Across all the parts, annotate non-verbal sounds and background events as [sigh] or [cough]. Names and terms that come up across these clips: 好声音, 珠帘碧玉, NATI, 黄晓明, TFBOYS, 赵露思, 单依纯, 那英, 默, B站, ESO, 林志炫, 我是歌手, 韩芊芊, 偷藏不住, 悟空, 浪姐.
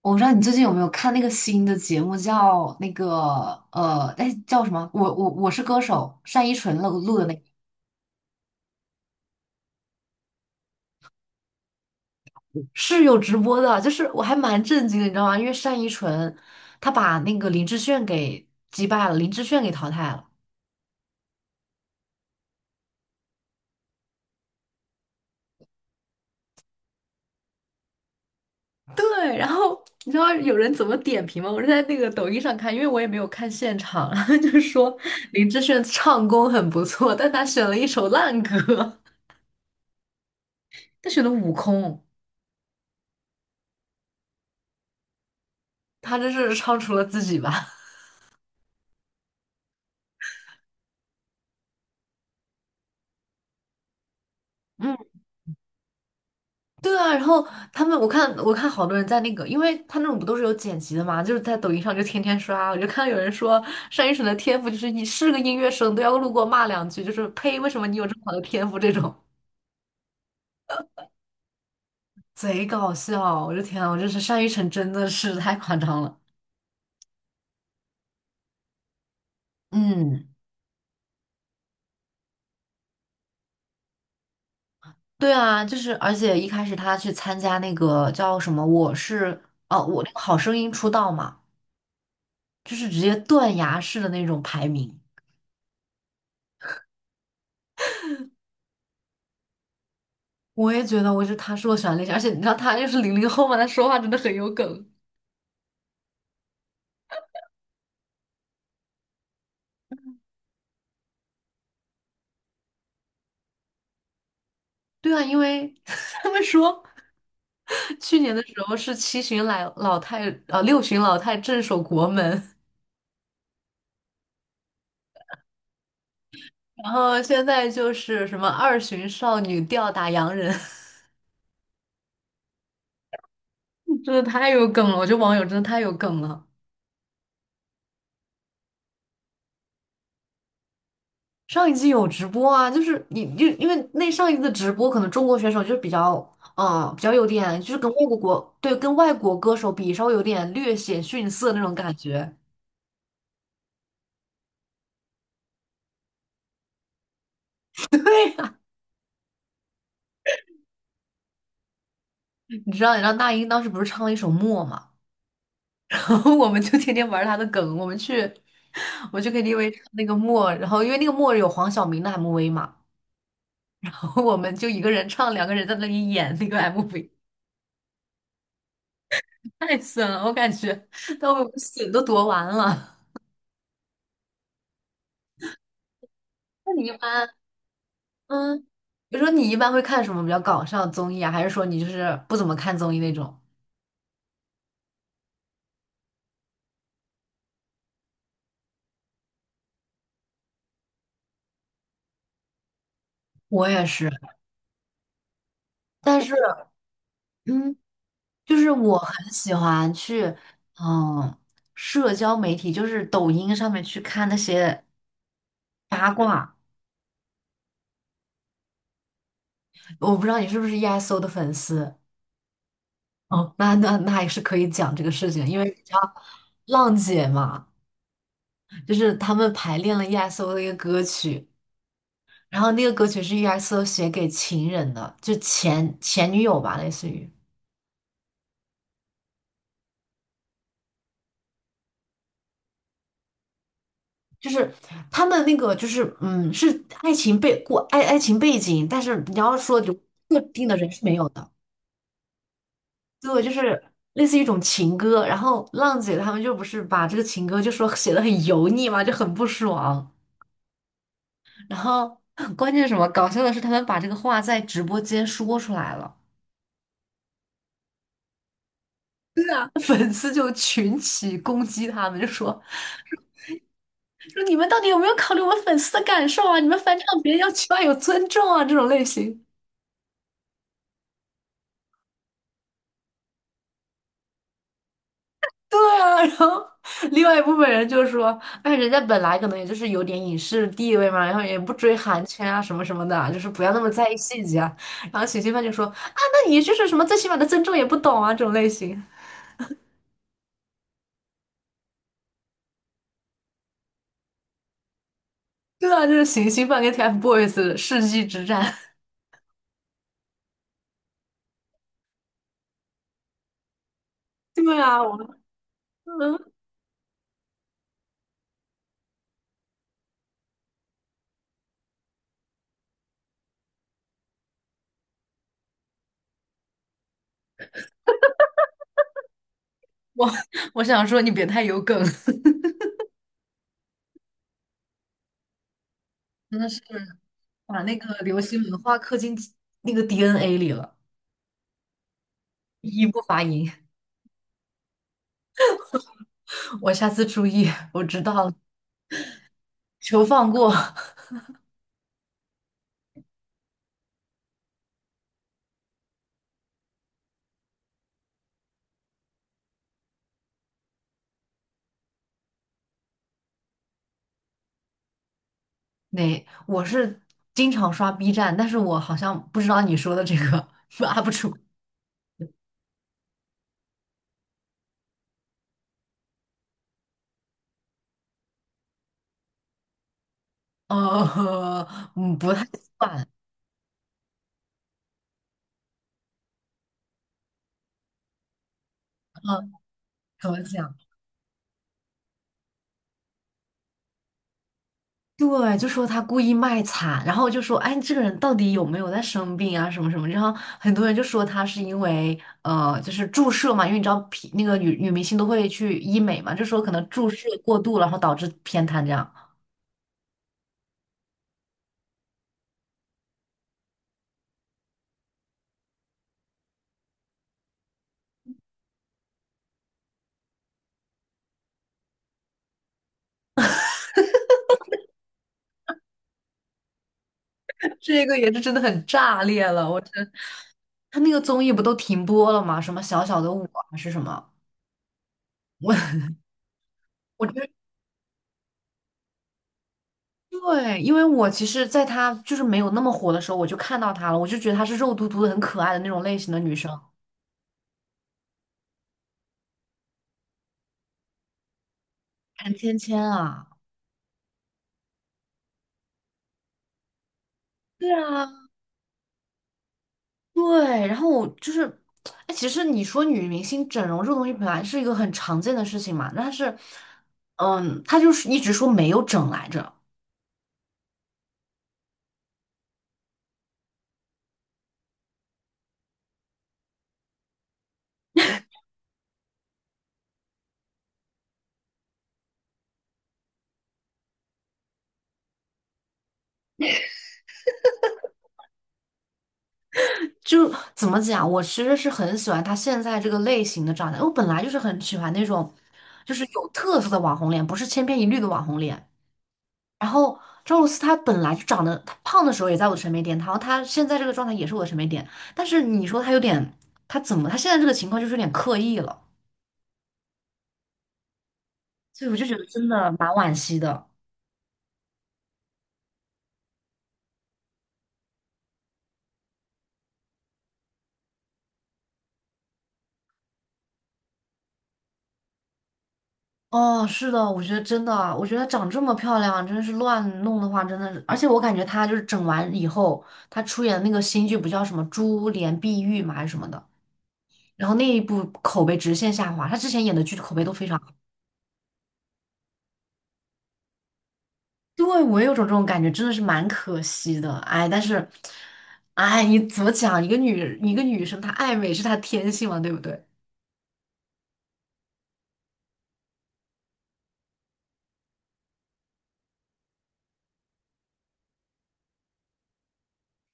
我不知道你最近有没有看那个新的节目，叫那个叫什么？我是歌手，单依纯录那个，是有直播的，就是我还蛮震惊的，你知道吗？因为单依纯她把那个林志炫给击败了，林志炫给淘汰了。对，然后你知道有人怎么点评吗？我是在那个抖音上看，因为我也没有看现场，[laughs] 然后就是说林志炫唱功很不错，但他选了一首烂歌，[laughs] 他选的《悟空》，他这是唱出了自己吧。[laughs] 嗯。对啊，然后他们，我看好多人在那个，因为他那种不都是有剪辑的嘛，就是在抖音上就天天刷，我就看到有人说单依纯的天赋就是你是个音乐生都要路过骂两句，就是呸，为什么你有这么好的天赋这种，[laughs] 贼搞笑，我的天啊，我真是单依纯真的是太夸张了。嗯，对啊，就是而且一开始他去参加那个叫什么我是哦、我那个好声音出道嘛，就是直接断崖式的那种排名。我觉得他是我喜欢的类型，而且你知道他又是零零后嘛，他说话真的很有梗。对啊，因为 [laughs] 他们说去年的时候是七旬老老太呃六旬老太镇守国门，然后现在就是什么二旬少女吊打洋人，[laughs] 真的太有梗了。我觉得网友真的太有梗了。上一季有直播啊，就是因为那上一次直播，可能中国选手就是比较。比较有点，就是跟外国，对，跟外国歌手比，稍微有点略显逊色那种感觉。你知道那英当时不是唱了一首《默》嘛，[laughs] 然后我们就天天玩她的梗，我去 KTV 唱那个《默》，然后因为那个《默》有黄晓明的 MV 嘛，[laughs] 然后我们就一个人唱，两个人在那里演那个 MV,太损了，我感觉都被我们损都夺完了。[laughs] 那你一般，嗯，比如说你一般会看什么比较搞笑的综艺啊，还是说你就是不怎么看综艺那种？我也是，但是，嗯，就是我很喜欢去，嗯，社交媒体，就是抖音上面去看那些八卦。我不知道你是不是 e S o 的粉丝，哦，那那也是可以讲这个事情，因为你知道浪姐嘛，就是他们排练了 e S o 的一个歌曲，然后那个歌曲是 e S o 写给情人的，就前女友吧，类似于。就是他们那个，就是嗯，是爱情背景，但是你要说就特定的人是没有的。对，就是类似于一种情歌。然后浪姐他们就不是把这个情歌就说写的很油腻嘛，就很不爽。然后 [laughs] 关键是什么？搞笑的是，他们把这个话在直播间说出来了，[laughs] 粉丝就群起攻击他们，就说你们到底有没有考虑我们粉丝的感受啊？你们翻唱别人要起码有尊重啊，这种类型。对啊，[laughs] 然后另外一部分人就说，哎，人家本来可能也就是有点影视地位嘛，然后也不追韩圈啊什么什么的啊，就是不要那么在意细节啊。然后行星饭就说，啊，那你就是什么最起码的尊重也不懂啊这种类型。对啊，就是行星饭跟 TFBOYS 的世纪之战。[laughs] 对啊，嗯，我我想说你别太有梗，真的是把那个流行文化刻进那个 DNA 里了，一不发音。我下次注意，我知道了求放过。那我是经常刷 B 站，但是我好像不知道你说的这个 [laughs] u 不出 [laughs]。呃，不太算，嗯，怎么讲？对，就说他故意卖惨，然后就说，哎，这个人到底有没有在生病啊，什么什么？然后很多人就说他是因为，就是注射嘛，因为你知道那个女明星都会去医美嘛，就说可能注射过度了然后导致偏瘫这样。[laughs] 这个也是真的很炸裂了，他那个综艺不都停播了吗？什么小小的我还是什么？我我觉得对，因为我其实在她就是没有那么火的时候，我就看到她了，我就觉得她是肉嘟嘟的、很可爱的那种类型的女生，韩芊芊啊，对啊，对。然后我就是，哎，其实你说女明星整容这个东西本来是一个很常见的事情嘛，但是，嗯，她就是一直说没有整来着，就怎么讲，我其实是很喜欢她现在这个类型的长相，我本来就是很喜欢那种就是有特色的网红脸，不是千篇一律的网红脸。然后赵露思她本来就长得，她胖的时候也在我的审美点，然后她现在这个状态也是我的审美点，但是你说她有点，她怎么，她现在这个情况就是有点刻意了，所以我就觉得真的蛮惋惜的。哦，是的，我觉得真的啊，我觉得长这么漂亮，真的是乱弄的话，真的是，而且我感觉她就是整完以后，她出演的那个新剧不叫什么《珠帘碧玉》嘛，还是什么的，然后那一部口碑直线下滑，她之前演的剧口碑都非常。对，我也有种这种感觉，真的是蛮可惜的。哎，但是，哎，你怎么讲？一个女生她爱美是她天性嘛，对不对？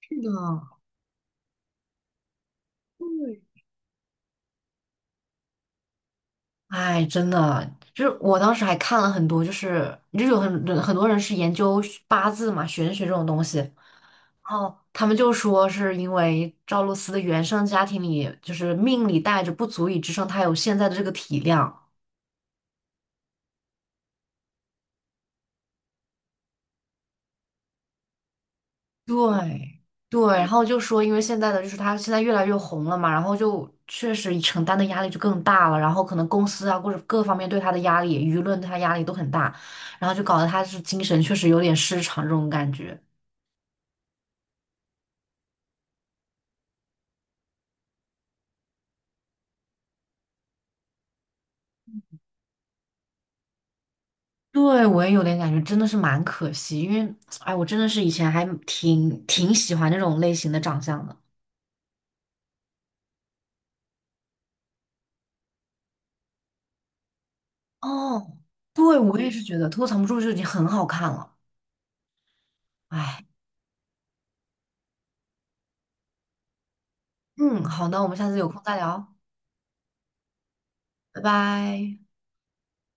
是的，对，哎，真的，就是我当时还看了很多，就有很多人是研究八字嘛、玄学这种东西，然后他们就说是因为赵露思的原生家庭里，就是命里带着不足以支撑她有现在的这个体量。对对，然后就说，因为现在的就是他现在越来越红了嘛，然后就确实承担的压力就更大了，然后可能公司啊或者各方面对他的压力，舆论对他压力都很大，然后就搞得他是精神确实有点失常这种感觉。对，我也有点感觉，真的是蛮可惜，因为哎，我真的是以前还挺喜欢这种类型的长相的。哦，对，我也是觉得《偷藏不住》就已经很好看了。哎，嗯，好的，我们下次有空再聊，拜拜。